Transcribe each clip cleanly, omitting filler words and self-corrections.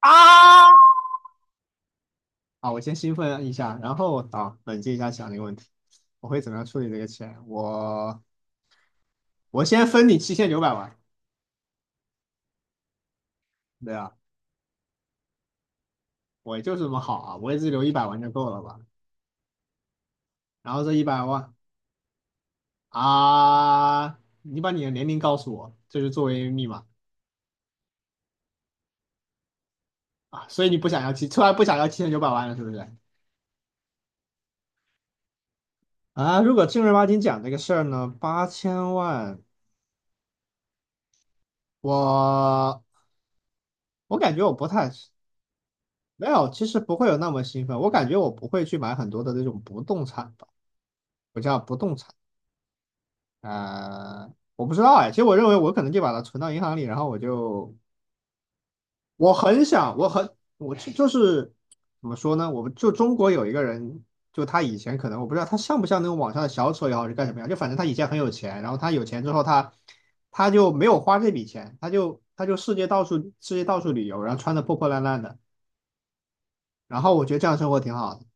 啊！啊，我先兴奋一下，然后啊，冷静一下想这个问题。我会怎么样处理这个钱？我先分你七千九百万。对啊，我就是这么好啊，我也只留一百万就够了吧？然后这一百万。啊，你把你的年龄告诉我，这是作为密码。啊，所以你不想要突然不想要七千九百万了，是不是？啊，如果正儿八经讲这个事儿呢，八千万。我我感觉我不太。没有，其实不会有那么兴奋。我感觉我不会去买很多的那种不动产吧，我叫不动产。我不知道哎。其实我认为我可能就把它存到银行里，然后我就。我很想，我很我就怎么说呢？我们就中国有一个人。就他以前可能我不知道他像不像那种网上的小丑也好是干什么样，就反正他以前很有钱，然后他有钱之后他就没有花这笔钱。他就世界到处旅游，然后穿的破破烂烂的。然后我觉得这样生活挺好的。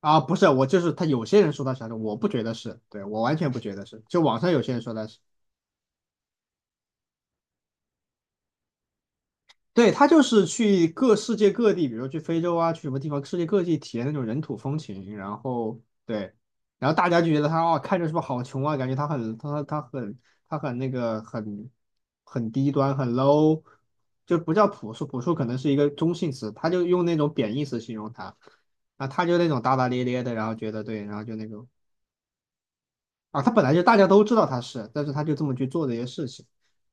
啊，不是，我就是他。有些人说他是啥的，我不觉得是。对，我完全不觉得是。就网上有些人说他是。对，他就是去各世界各地，比如去非洲啊，去什么地方，世界各地体验那种人土风情，然后对，然后大家就觉得他哦，看着是不是好穷啊？感觉他很他他很他很那个很很低端，很 low。就不叫朴素，朴素可能是一个中性词，他就用那种贬义词形容他。啊，他就那种大大咧咧的，然后觉得对，然后就那种。啊，他本来就大家都知道他是，但是他就这么去做这些事情。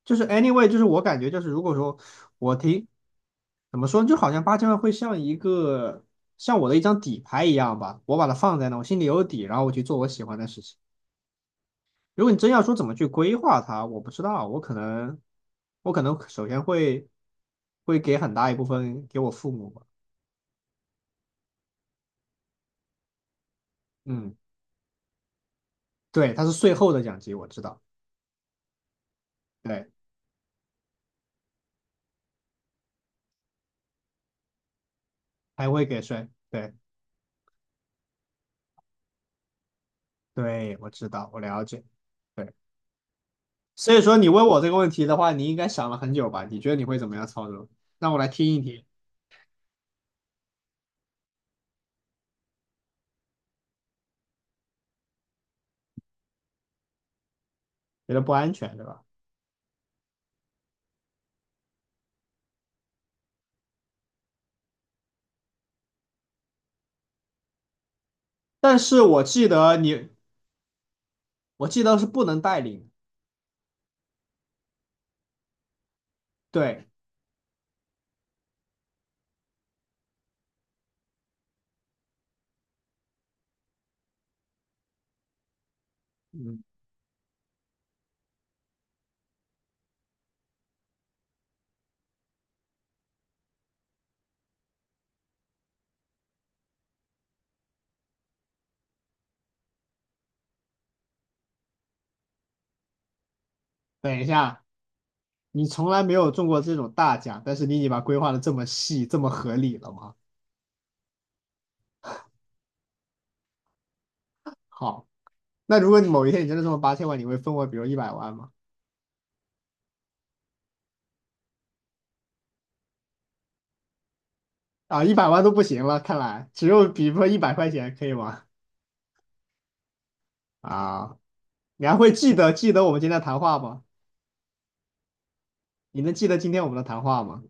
就是 anyway，就是我感觉就是如果说我听。怎么说呢，就好像八千万会像一个像我的一张底牌一样吧，我把它放在那，我心里有底，然后我去做我喜欢的事情。如果你真要说怎么去规划它，我不知道。我可能首先会给很大一部分给我父母吧。嗯，对，它是税后的奖金，我知道。对，还会给税。对对，我知道，我了解。对。所以说你问我这个问题的话，你应该想了很久吧？你觉得你会怎么样操作？让我来听一听。觉得不安全，对吧？但是我记得你。我记得是不能带领。对，嗯，等一下。你从来没有中过这种大奖，但是你已经把规划的这么细，这么合理了吗？好，那如果你某一天你真的中了八千万，你会分我比如一百万吗？啊，一百万都不行了，看来只有比如说100块钱可以吗？啊，你还会记得我们今天的谈话吗？你能记得今天我们的谈话吗？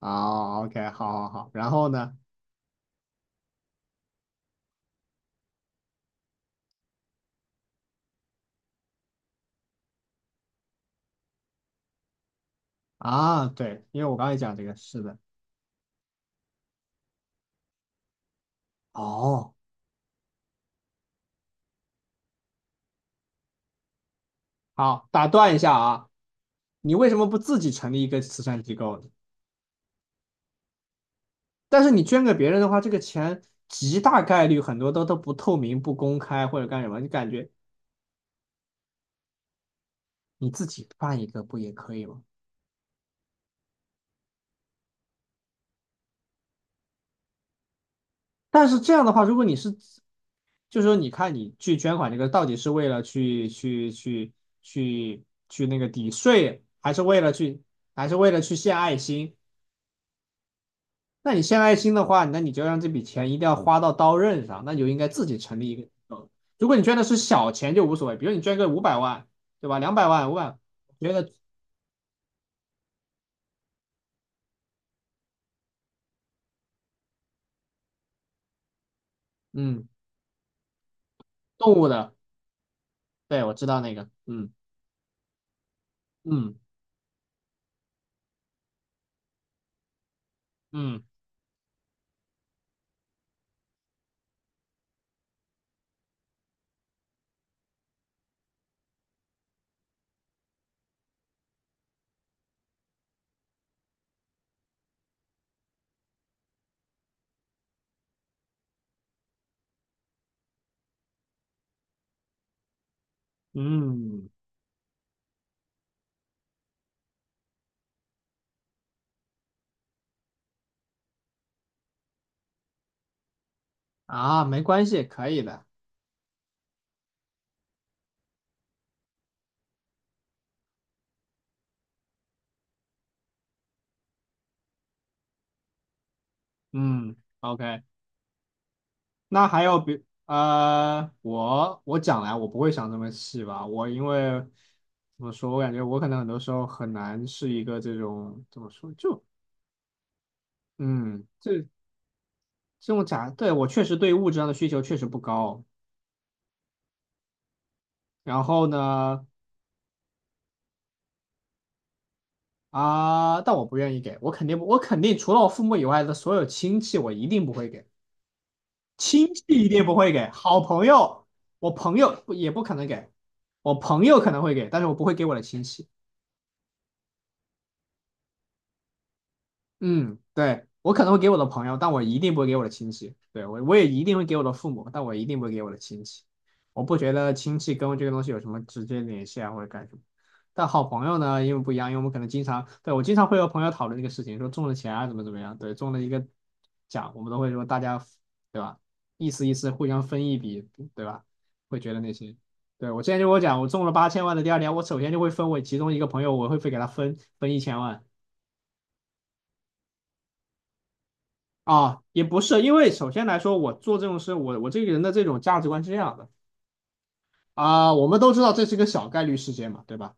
哦，OK，好好好，然后呢？啊，对，因为我刚才讲这个，是的。哦，好，打断一下啊。你为什么不自己成立一个慈善机构呢？但是你捐给别人的话，这个钱极大概率很多都不透明、不公开或者干什么，你感觉。你自己办一个不也可以吗？但是这样的话，如果你是，就是说你看你去捐款这个到底是为了去去那个抵税，还是为了去献爱心？那你献爱心的话，那你就让这笔钱一定要花到刀刃上，那你就应该自己成立一个机构。如果你捐的是小钱就无所谓，比如你捐个500万，对吧？200万、五百。我觉得嗯，动物的，对，我知道那个。嗯嗯嗯嗯。啊，没关系，可以的。嗯，OK。那还有比我讲来，我不会想这么细吧，我因为。怎么说？我感觉我可能很多时候很难是一个这种怎么说，就嗯，这种卡。对，我确实对物质上的需求确实不高。然后呢。啊，但我不愿意给，我肯定不我肯定除了我父母以外的所有亲戚，我一定不会给。亲戚一定不会给，好朋友。我朋友不也不可能给。我朋友可能会给，但是我不会给我的亲戚。嗯，对，我可能会给我的朋友，但我一定不会给我的亲戚。对，我也一定会给我的父母，但我一定不会给我的亲戚。我不觉得亲戚跟这个东西有什么直接联系啊，或者干什么。但好朋友呢，因为不一样，因为我们可能经常，对，我经常会和朋友讨论这个事情，说中了钱啊，怎么怎么样，对，中了一个奖，我们都会说大家，对吧？意思意思，互相分一笔，对吧？会觉得那些。对，我之前就跟我讲，我中了八千万的第二年，我首先就会分我其中一个朋友，我会给他分一千万。啊，也不是，因为首先来说，我做这种事，我这个人的这种价值观是这样的。啊，我们都知道这是一个小概率事件嘛，对吧？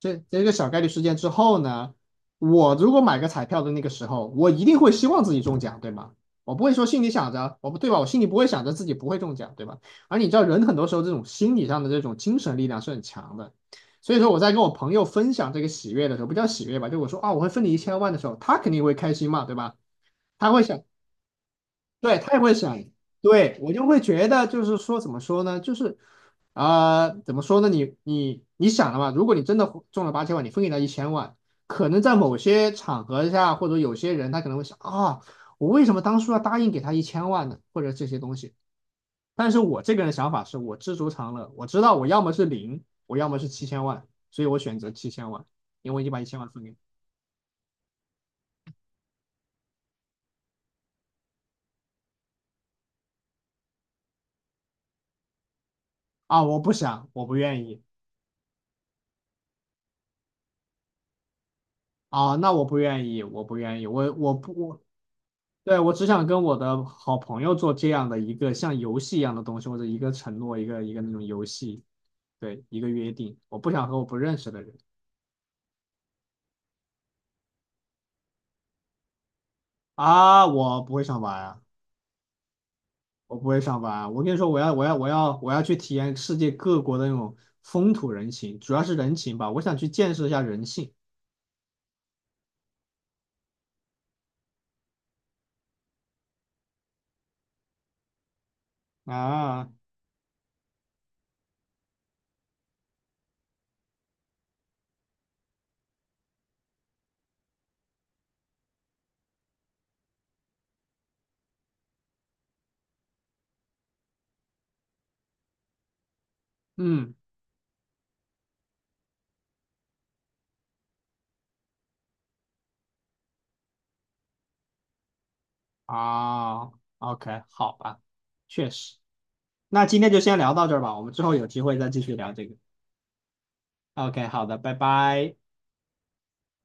这个小概率事件之后呢，我如果买个彩票的那个时候，我一定会希望自己中奖，对吗？我不会说心里想着，我不对吧？我心里不会想着自己不会中奖，对吧？而你知道，人很多时候这种心理上的这种精神力量是很强的。所以说我在跟我朋友分享这个喜悦的时候，不叫喜悦吧，就我说啊，我会分你一千万的时候，他肯定会开心嘛，对吧？他会想。对，他也会想。对，我就会觉得就是说怎么说呢，就是。啊、怎么说呢？你想了嘛？如果你真的中了八千万，你分给他一千万，可能在某些场合下，或者有些人他可能会想啊、我为什么当初要答应给他一千万呢？或者这些东西。但是我这个人的想法是我知足常乐，我知道我要么是零，我要么是七千万，所以我选择七千万，因为我已经把一千万分给你。啊，我不想，我不愿意。啊，那我不愿意，我不愿意，我我不我对。我只想跟我的好朋友做这样的一个像游戏一样的东西，或者一个承诺，一个那种游戏。对，一个约定。我不想和我不认识的人。啊，我不会上班啊。我不会上班啊。我跟你说，我要去体验世界各国的那种风土人情，主要是人情吧。我想去见识一下人性。啊，嗯。啊，OK，好吧，确实。那今天就先聊到这儿吧，我们之后有机会再继续聊这个。OK，好的，拜拜。